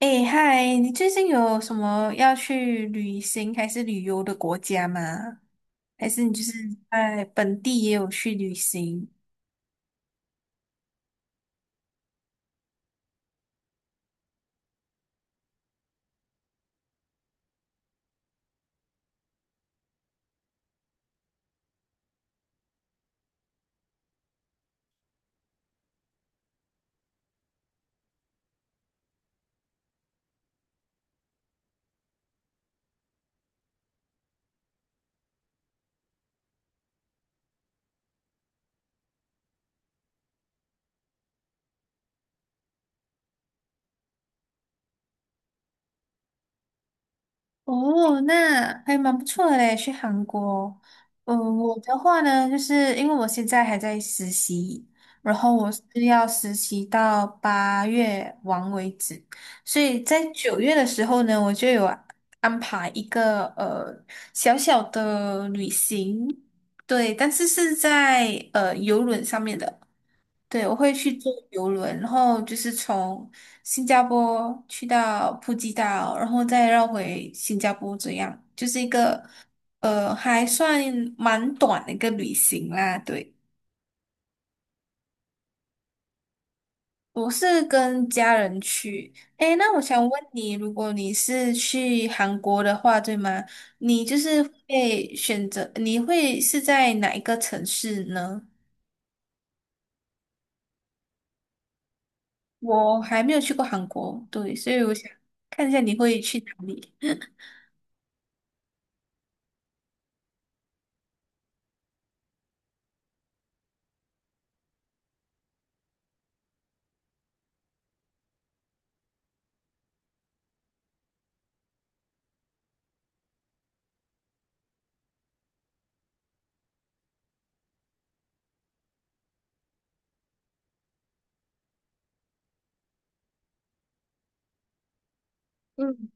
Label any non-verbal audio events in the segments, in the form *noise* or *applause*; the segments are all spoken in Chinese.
哎嗨，你最近有什么要去旅行还是旅游的国家吗？还是你就是在本地也有去旅行？哦，那还蛮不错的嘞，去韩国。嗯，我的话呢，就是因为我现在还在实习，然后我是要实习到八月完为止，所以在九月的时候呢，我就有安排一个小小的旅行，对，但是是在游轮上面的。对，我会去坐游轮，然后就是从新加坡去到普吉岛，然后再绕回新加坡，这样就是一个还算蛮短的一个旅行啦。对，我是跟家人去。诶，那我想问你，如果你是去韩国的话，对吗？你就是会选择，你会是在哪一个城市呢？我还没有去过韩国，对，所以我想看一下你会去哪里。嗯。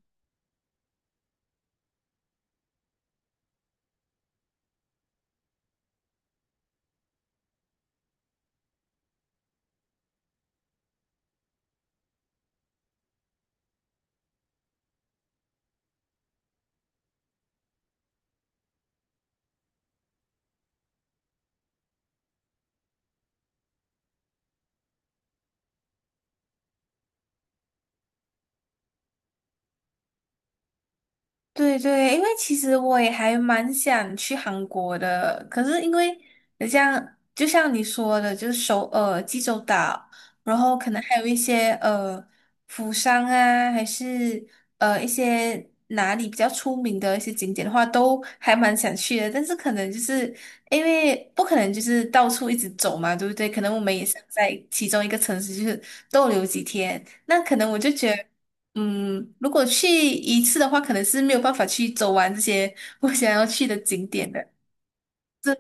对对，因为其实我也还蛮想去韩国的，可是因为你像就像你说的，就是首尔、济州岛，然后可能还有一些釜山啊，还是一些哪里比较出名的一些景点的话，都还蛮想去的。但是可能就是因为不可能就是到处一直走嘛，对不对？可能我们也想在其中一个城市就是逗留几天，那可能我就觉得。嗯，如果去一次的话，可能是没有办法去走完这些 *laughs* 我想要去的景点的。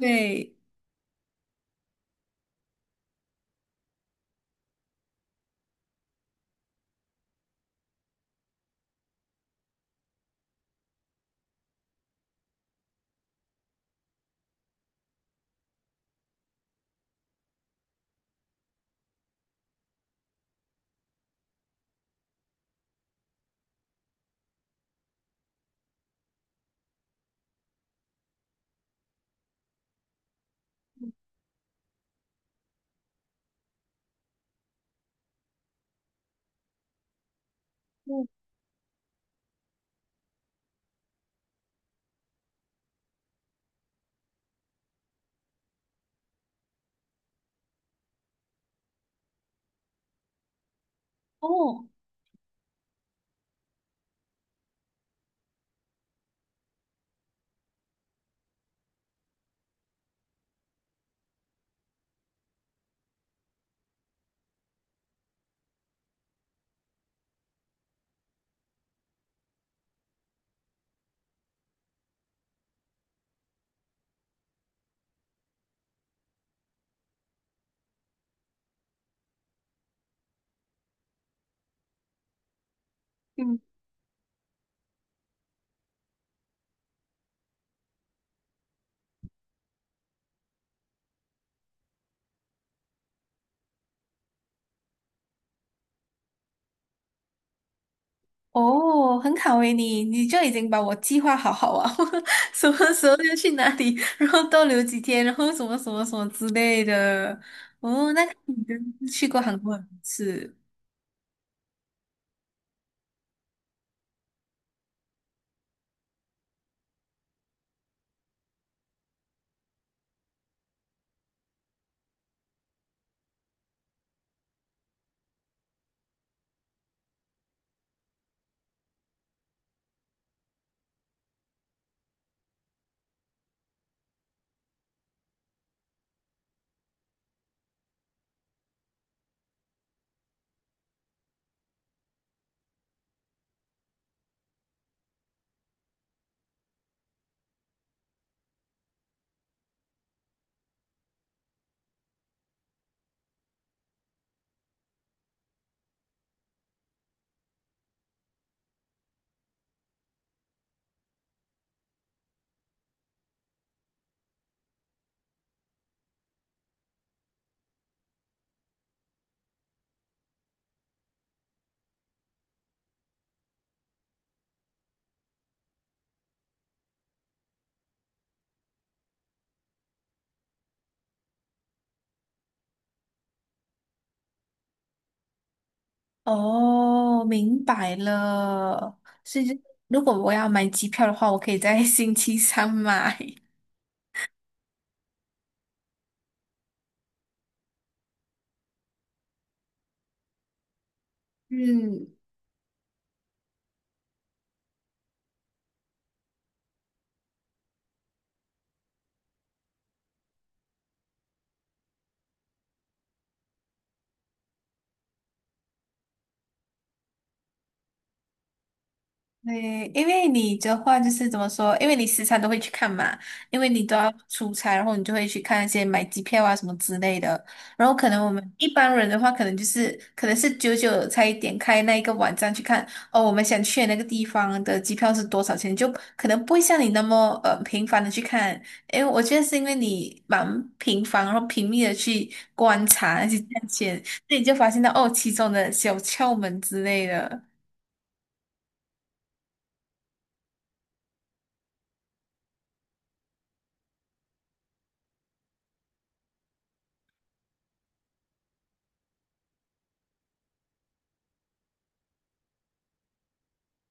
对，嗯哦，嗯哦，很好诶，你就已经把我计划好好啊，*laughs* 什么时候要去哪里，*laughs* 然后逗留几天，然后什么什么什么之类的。哦，那你真是去过韩国很多次。哦，明白了。所以就，如果我要买机票的话，我可以在 *laughs* 星期三买。嗯，对，因为你的话就是怎么说？因为你时常都会去看嘛，因为你都要出差，然后你就会去看一些买机票啊什么之类的。然后可能我们一般人的话，可能就是可能是久久才点开那一个网站去看哦，我们想去的那个地方的机票是多少钱，就可能不会像你那么频繁的去看。因为我觉得是因为你蛮频繁，然后频密的去观察那些价钱，所以你就发现到哦其中的小窍门之类的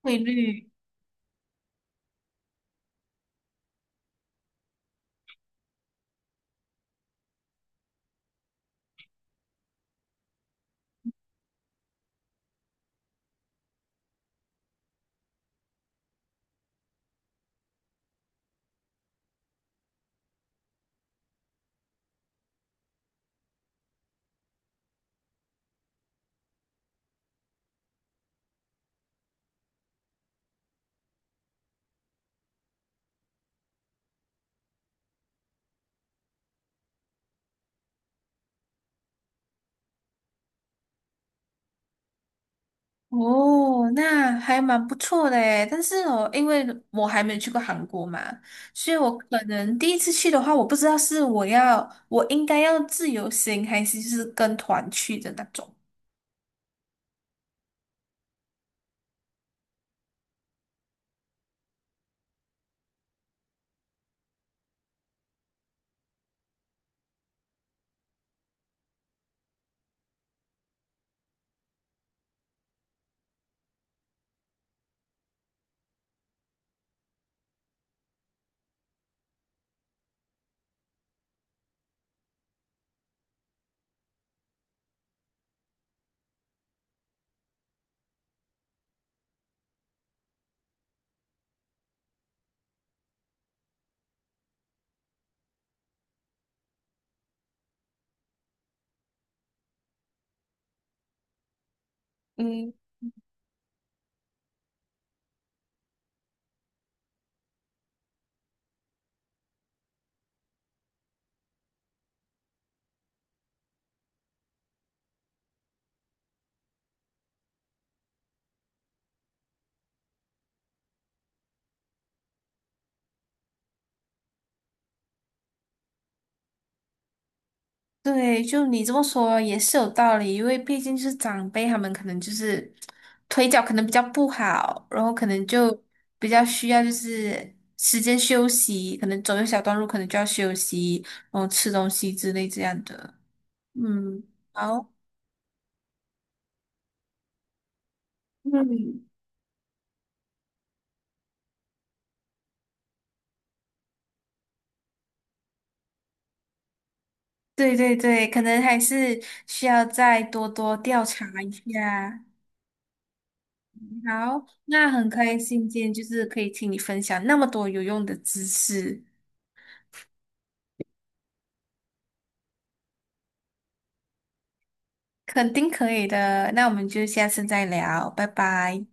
汇率。哦，那还蛮不错的诶，但是哦，因为我还没有去过韩国嘛，所以我可能第一次去的话，我不知道是我要我应该要自由行，还是就是跟团去的那种。嗯，对，就你这么说也是有道理，因为毕竟就是长辈他们可能就是腿脚可能比较不好，然后可能就比较需要就是时间休息，可能走一小段路可能就要休息，然后吃东西之类这样的。嗯。好。嗯，对对对，可能还是需要再多多调查一下。好，那很开心今天就是可以听你分享那么多有用的知识，肯定可以的。那我们就下次再聊，拜拜。